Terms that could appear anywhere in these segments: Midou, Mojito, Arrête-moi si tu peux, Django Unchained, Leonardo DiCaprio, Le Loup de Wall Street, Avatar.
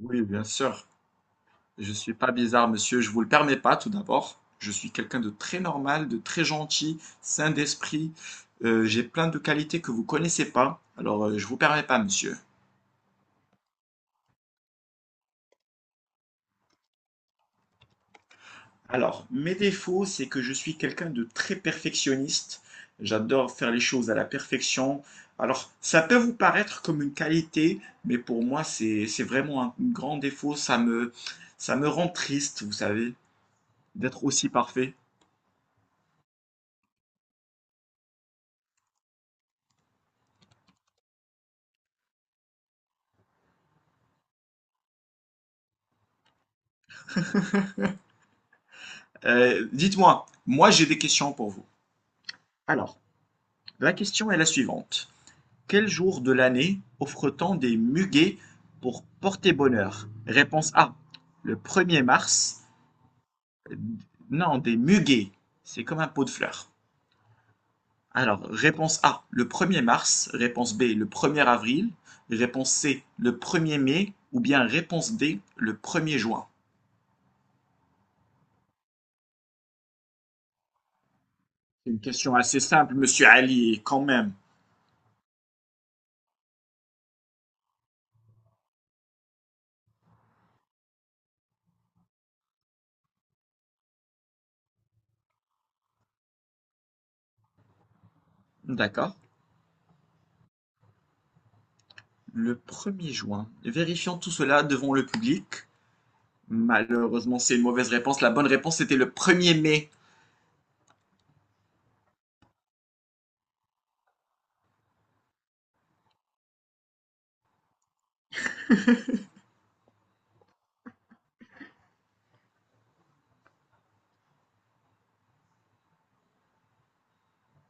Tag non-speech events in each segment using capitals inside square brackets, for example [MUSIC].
Oui, bien sûr. Je suis pas bizarre, monsieur. Je vous le permets pas, tout d'abord. Je suis quelqu'un de très normal, de très gentil, sain d'esprit. J'ai plein de qualités que vous connaissez pas. Alors, je vous permets pas, monsieur. Alors, mes défauts, c'est que je suis quelqu'un de très perfectionniste. J'adore faire les choses à la perfection. Alors, ça peut vous paraître comme une qualité, mais pour moi, c'est vraiment un grand défaut. Ça me rend triste, vous savez, d'être aussi parfait. Dites-moi, moi j'ai des questions pour vous. Alors, la question est la suivante. Quel jour de l'année offre-t-on des muguets pour porter bonheur? Réponse A, le 1er mars. Euh, Non, des muguets. C'est comme un pot de fleurs. Alors, réponse A, le 1er mars. Réponse B, le 1er avril. Réponse C, le 1er mai. Ou bien réponse D, le 1er juin. C'est une question assez simple, monsieur Ali, quand même. D'accord. Le premier juin. Vérifions tout cela devant le public. Malheureusement, c'est une mauvaise réponse. La bonne réponse c'était le premier mai,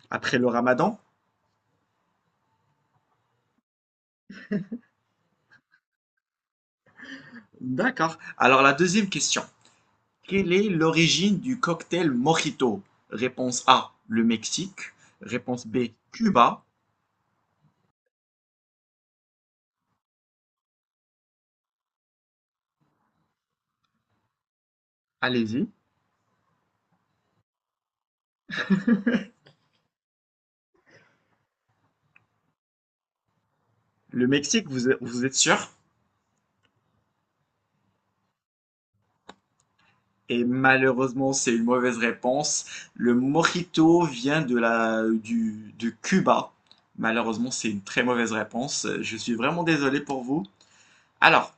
après le ramadan. D'accord. Alors la deuxième question. Quelle est l'origine du cocktail Mojito? Réponse A, le Mexique. Réponse B, Cuba. Allez-y. Le Mexique, vous êtes sûr? Et malheureusement, c'est une mauvaise réponse. Le mojito vient de de Cuba. Malheureusement, c'est une très mauvaise réponse. Je suis vraiment désolé pour vous. Alors,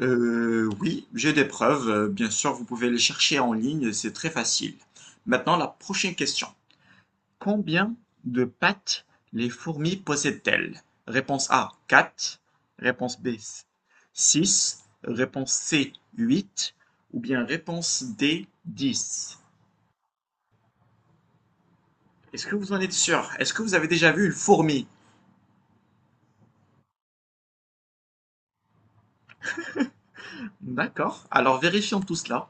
oui, j'ai des preuves. Bien sûr, vous pouvez les chercher en ligne, c'est très facile. Maintenant, la prochaine question. Combien de pattes les fourmis possèdent-elles? Réponse A, 4. Réponse B, 6. Réponse C, 8. Ou bien réponse D, 10. Est-ce que vous en êtes sûr? Est-ce que vous avez déjà vu une fourmi? D'accord. Alors vérifions tout cela.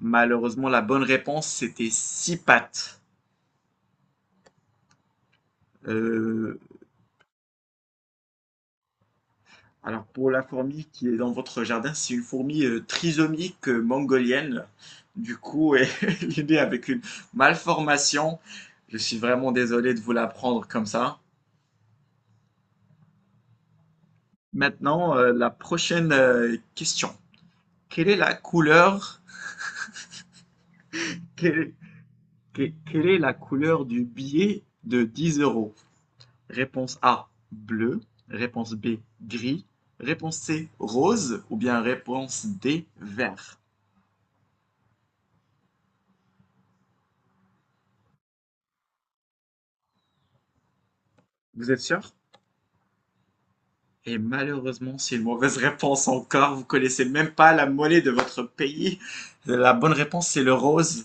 Malheureusement, la bonne réponse, c'était six pattes. Euh, alors pour la fourmi qui est dans votre jardin, c'est une fourmi trisomique mongolienne. Du coup, elle [LAUGHS] est née avec une malformation. Je suis vraiment désolé de vous l'apprendre comme ça. Maintenant, la prochaine question. Quelle est la couleur, quelle, quelle est la couleur du billet de 10 euros? Réponse A, bleu. Réponse B, gris. Réponse C, rose. Ou bien réponse D, vert. Vous êtes sûr? Et malheureusement, c'est une mauvaise réponse encore. Vous connaissez même pas la monnaie de votre pays. La bonne réponse, c'est le rose.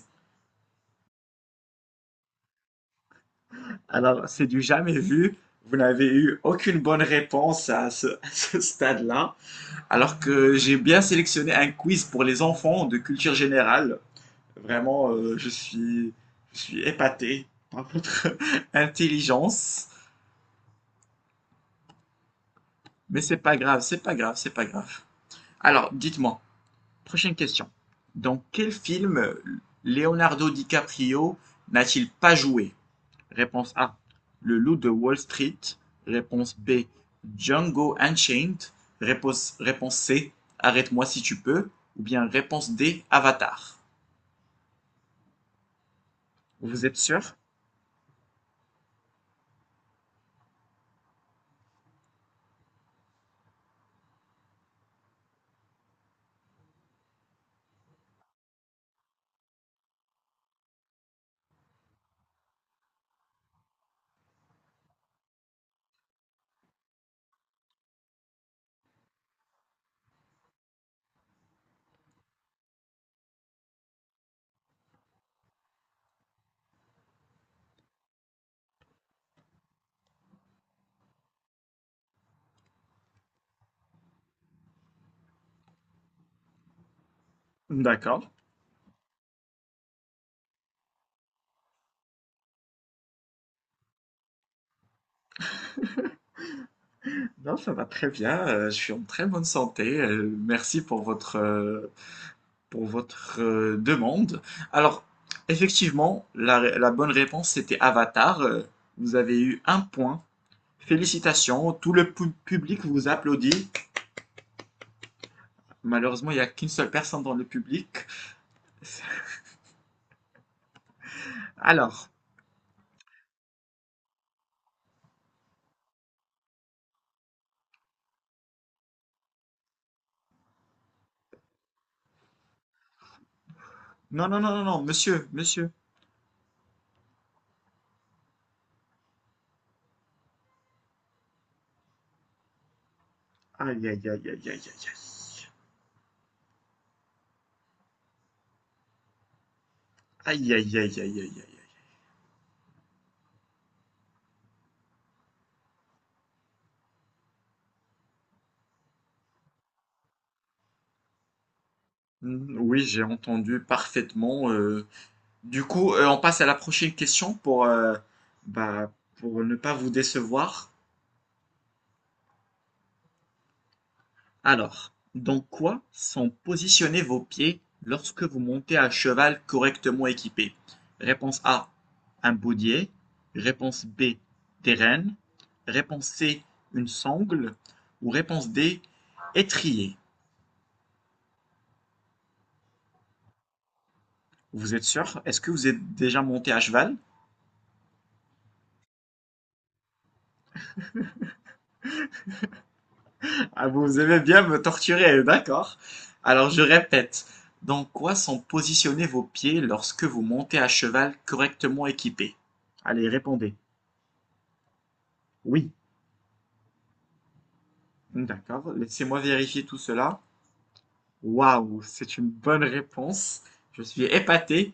Alors, c'est du jamais vu. Vous n'avez eu aucune bonne réponse à à ce stade-là. Alors que j'ai bien sélectionné un quiz pour les enfants de culture générale. Vraiment, je suis épaté. Intelligence. Mais c'est pas grave, c'est pas grave, c'est pas grave. Alors, dites-moi, prochaine question. Dans quel film Leonardo DiCaprio n'a-t-il pas joué? Réponse A. Le Loup de Wall Street. Réponse B. Django Unchained. Réponse C. Arrête-moi si tu peux. Ou bien réponse D. Avatar. Vous êtes sûr? D'accord. Non, ça va très bien. Je suis en très bonne santé. Merci pour pour votre demande. Alors, effectivement, la bonne réponse c'était Avatar. Vous avez eu un point. Félicitations, public vous applaudit. Malheureusement, il n'y a qu'une seule personne dans le public. Alors, non, non, non, non, non, monsieur, monsieur. Aïe, aïe, aïe, aïe, aïe, aïe, aïe, aïe, aïe, aïe, aïe, aïe, aïe, aïe. Mm, oui, j'ai entendu parfaitement. Du coup, on passe à la prochaine question pour, bah, pour ne pas vous décevoir. Alors, dans quoi sont positionnés vos pieds lorsque vous montez à cheval correctement équipé? Réponse A, un baudier. Réponse B, des rênes. Réponse C, une sangle. Ou réponse D, étrier. Vous êtes sûr? Est-ce que vous êtes déjà monté à cheval? Ah, vous aimez bien me torturer, d'accord. Alors, je répète, dans quoi sont positionnés vos pieds lorsque vous montez à cheval correctement équipé? Allez, répondez. Oui. D'accord, laissez-moi vérifier tout cela. Waouh, c'est une bonne réponse. Je suis épaté.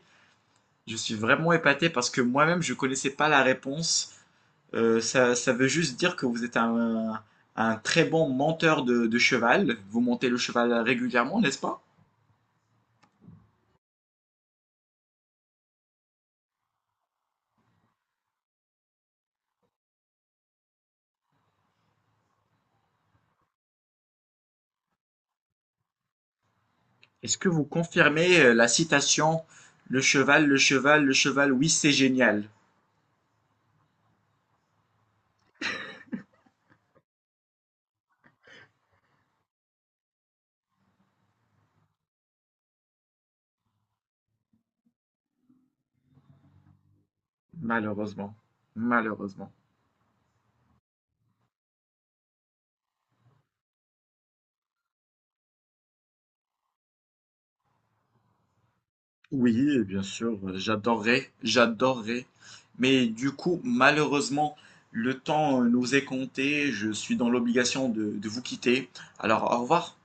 Je suis vraiment épaté parce que moi-même, je connaissais pas la réponse. Ça veut juste dire que vous êtes un très bon monteur de cheval. Vous montez le cheval régulièrement, n'est-ce pas? Est-ce que vous confirmez la citation? Le cheval, le cheval, le cheval, oui, c'est génial. Malheureusement. Malheureusement. Oui, bien sûr, j'adorerais, j'adorerais. Mais du coup, malheureusement, le temps nous est compté. Je suis dans l'obligation de vous quitter. Alors, au revoir.